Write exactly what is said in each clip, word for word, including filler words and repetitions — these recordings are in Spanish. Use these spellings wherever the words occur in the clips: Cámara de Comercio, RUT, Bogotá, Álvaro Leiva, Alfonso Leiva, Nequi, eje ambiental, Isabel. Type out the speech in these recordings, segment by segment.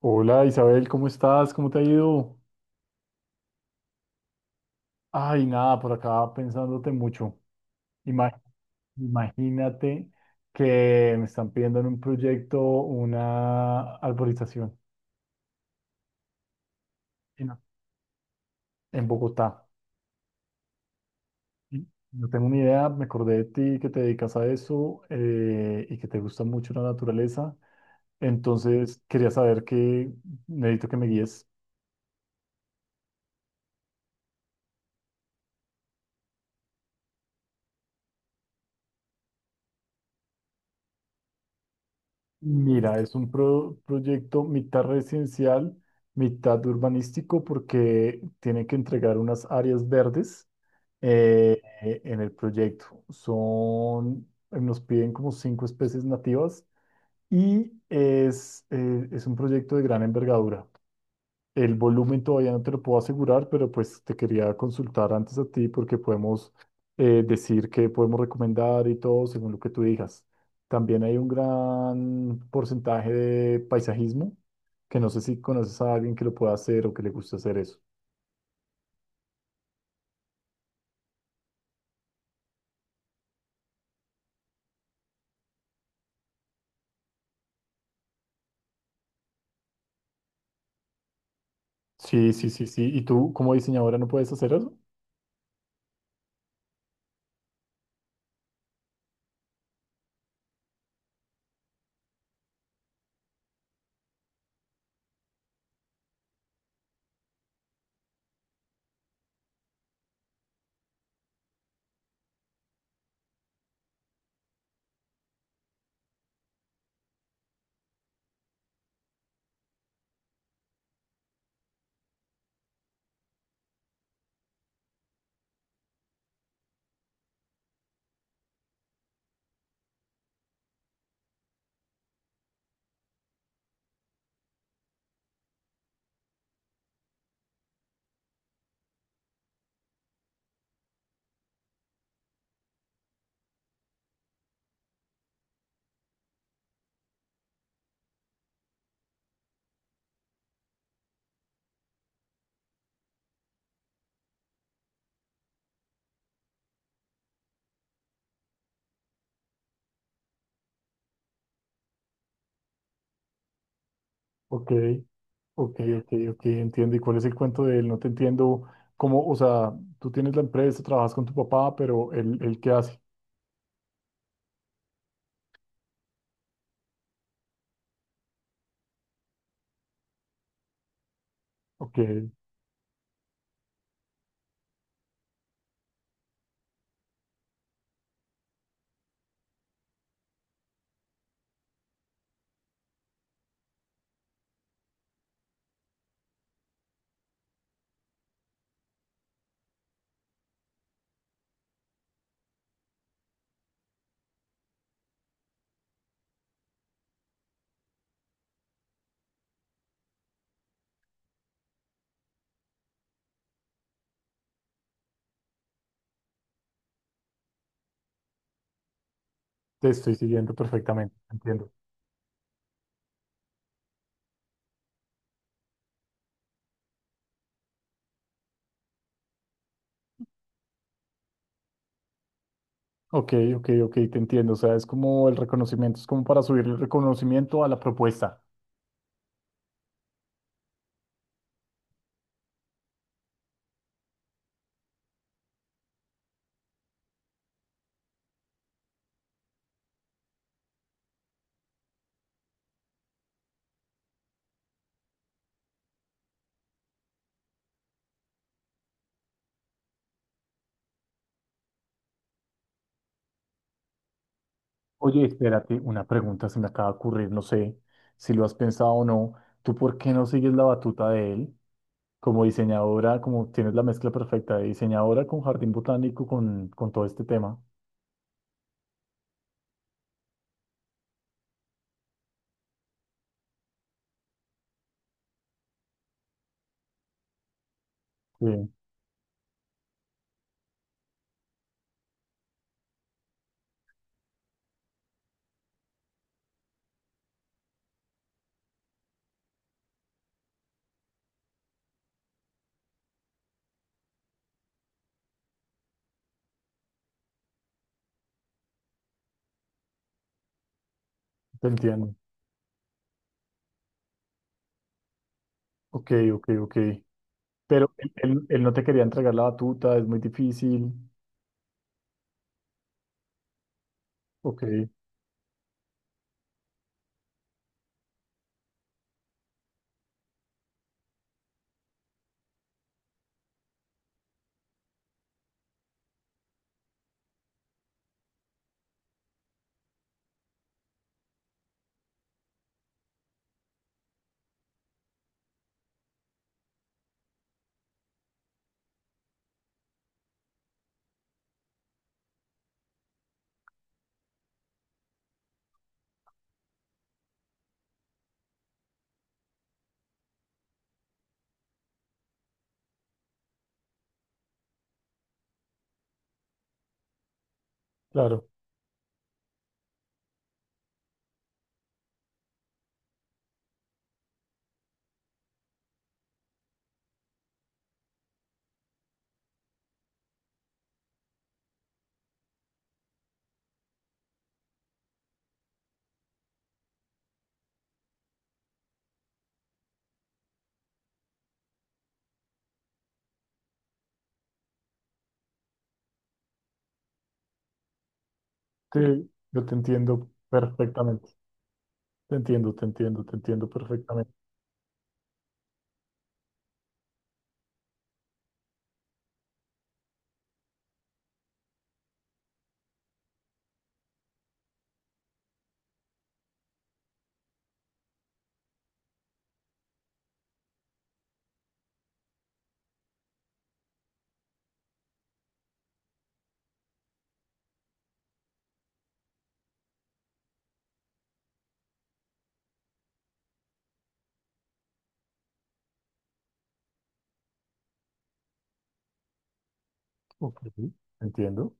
Hola, Isabel, ¿cómo estás? ¿Cómo te ha ido? Ay, nada, por acá pensándote mucho. Ima- Imagínate que me están pidiendo en un proyecto una arborización en en Bogotá. Y No tengo ni idea, me acordé de ti que te dedicas a eso, eh, y que te gusta mucho la naturaleza. Entonces quería saber qué necesito que me guíes. Mira, es un pro- proyecto mitad residencial, mitad urbanístico, porque tiene que entregar unas áreas verdes eh, eh, en el proyecto. Son, nos piden como cinco especies nativas y es, eh, es un proyecto de gran envergadura. El volumen todavía no te lo puedo asegurar, pero pues te quería consultar antes a ti porque podemos eh, decir que podemos recomendar y todo según lo que tú digas. También hay un gran porcentaje de paisajismo, que no sé si conoces a alguien que lo pueda hacer o que le guste hacer eso. Sí, sí, sí, sí. ¿Y tú como diseñadora no puedes hacer eso? Ok, ok, ok, ok, entiendo. ¿Y cuál es el cuento de él? No te entiendo cómo, o sea, tú tienes la empresa, trabajas con tu papá, pero él, él ¿qué hace? Ok. Te estoy siguiendo perfectamente, te entiendo. Ok, ok, ok, te entiendo. O sea, es como el reconocimiento, es como para subir el reconocimiento a la propuesta. Oye, espérate, una pregunta se me acaba de ocurrir, no sé si lo has pensado o no. ¿Tú por qué no sigues la batuta de él? Como diseñadora, como tienes la mezcla perfecta de diseñadora con jardín botánico, con, con todo este tema. Sí, te entiendo. Ok, ok, ok. Pero él, él- él no te quería entregar la batuta, es muy difícil. Ok, claro. Sí, yo te entiendo perfectamente. Te entiendo, te entiendo, te entiendo perfectamente. Ok, te entiendo.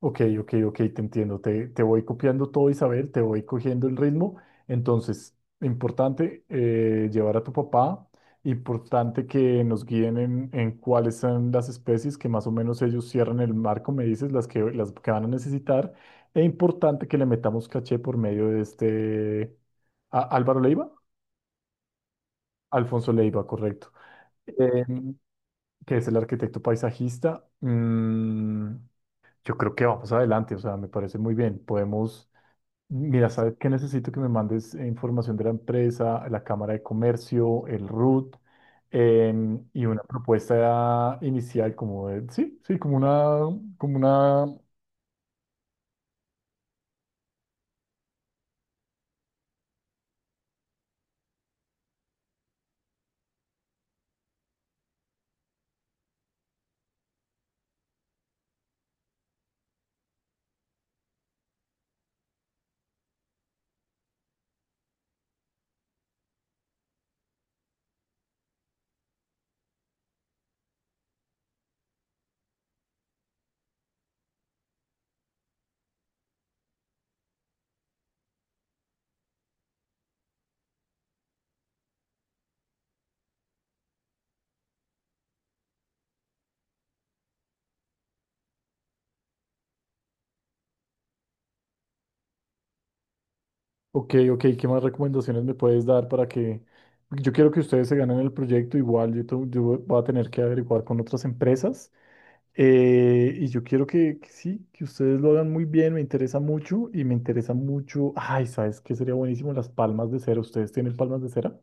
Ok, ok, ok, te entiendo. Te, te voy copiando todo, Isabel, te voy cogiendo el ritmo. Entonces, importante, eh, llevar a tu papá, importante que nos guíen en, en cuáles son las especies que más o menos ellos cierran el marco, me dices, las que, las que van a necesitar. E importante que le metamos caché por medio de este... ¿A- Álvaro Leiva? Alfonso Leiva, correcto. Que es el arquitecto paisajista, mm, yo creo que vamos adelante, o sea, me parece muy bien. Podemos, mira, ¿sabes qué? Necesito que me mandes, eh, información de la empresa, la Cámara de Comercio, el RUT, em, y una propuesta inicial como de, sí, sí, como una, como una, ok, ok, ¿qué más recomendaciones me puedes dar para que... Yo quiero que ustedes se ganen el proyecto, igual yo, tu- yo voy a tener que averiguar con otras empresas. Eh, y yo quiero que, que sí, que ustedes lo hagan muy bien, me interesa mucho y me interesa mucho. Ay, ¿sabes qué sería buenísimo? Las palmas de cera. ¿Ustedes tienen palmas de cera?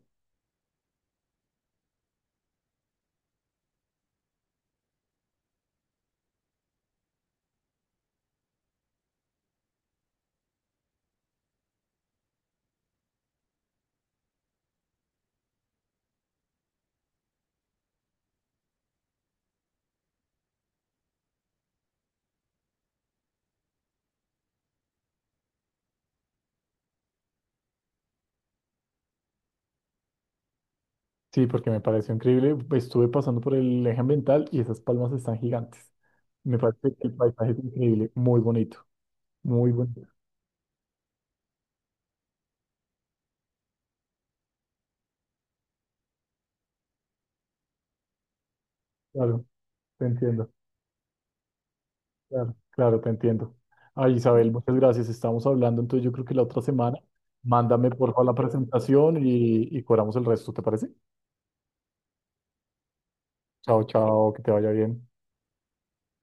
Sí, porque me pareció increíble. Estuve pasando por el eje ambiental y esas palmas están gigantes. Me parece que el paisaje es increíble, muy bonito, muy bonito. Claro, te entiendo, claro, claro, te entiendo. Ay, Isabel, muchas gracias. Estamos hablando, entonces yo creo que la otra semana. Mándame por favor la presentación y, y cobramos el resto, ¿te parece? Chao, chao, que te vaya bien.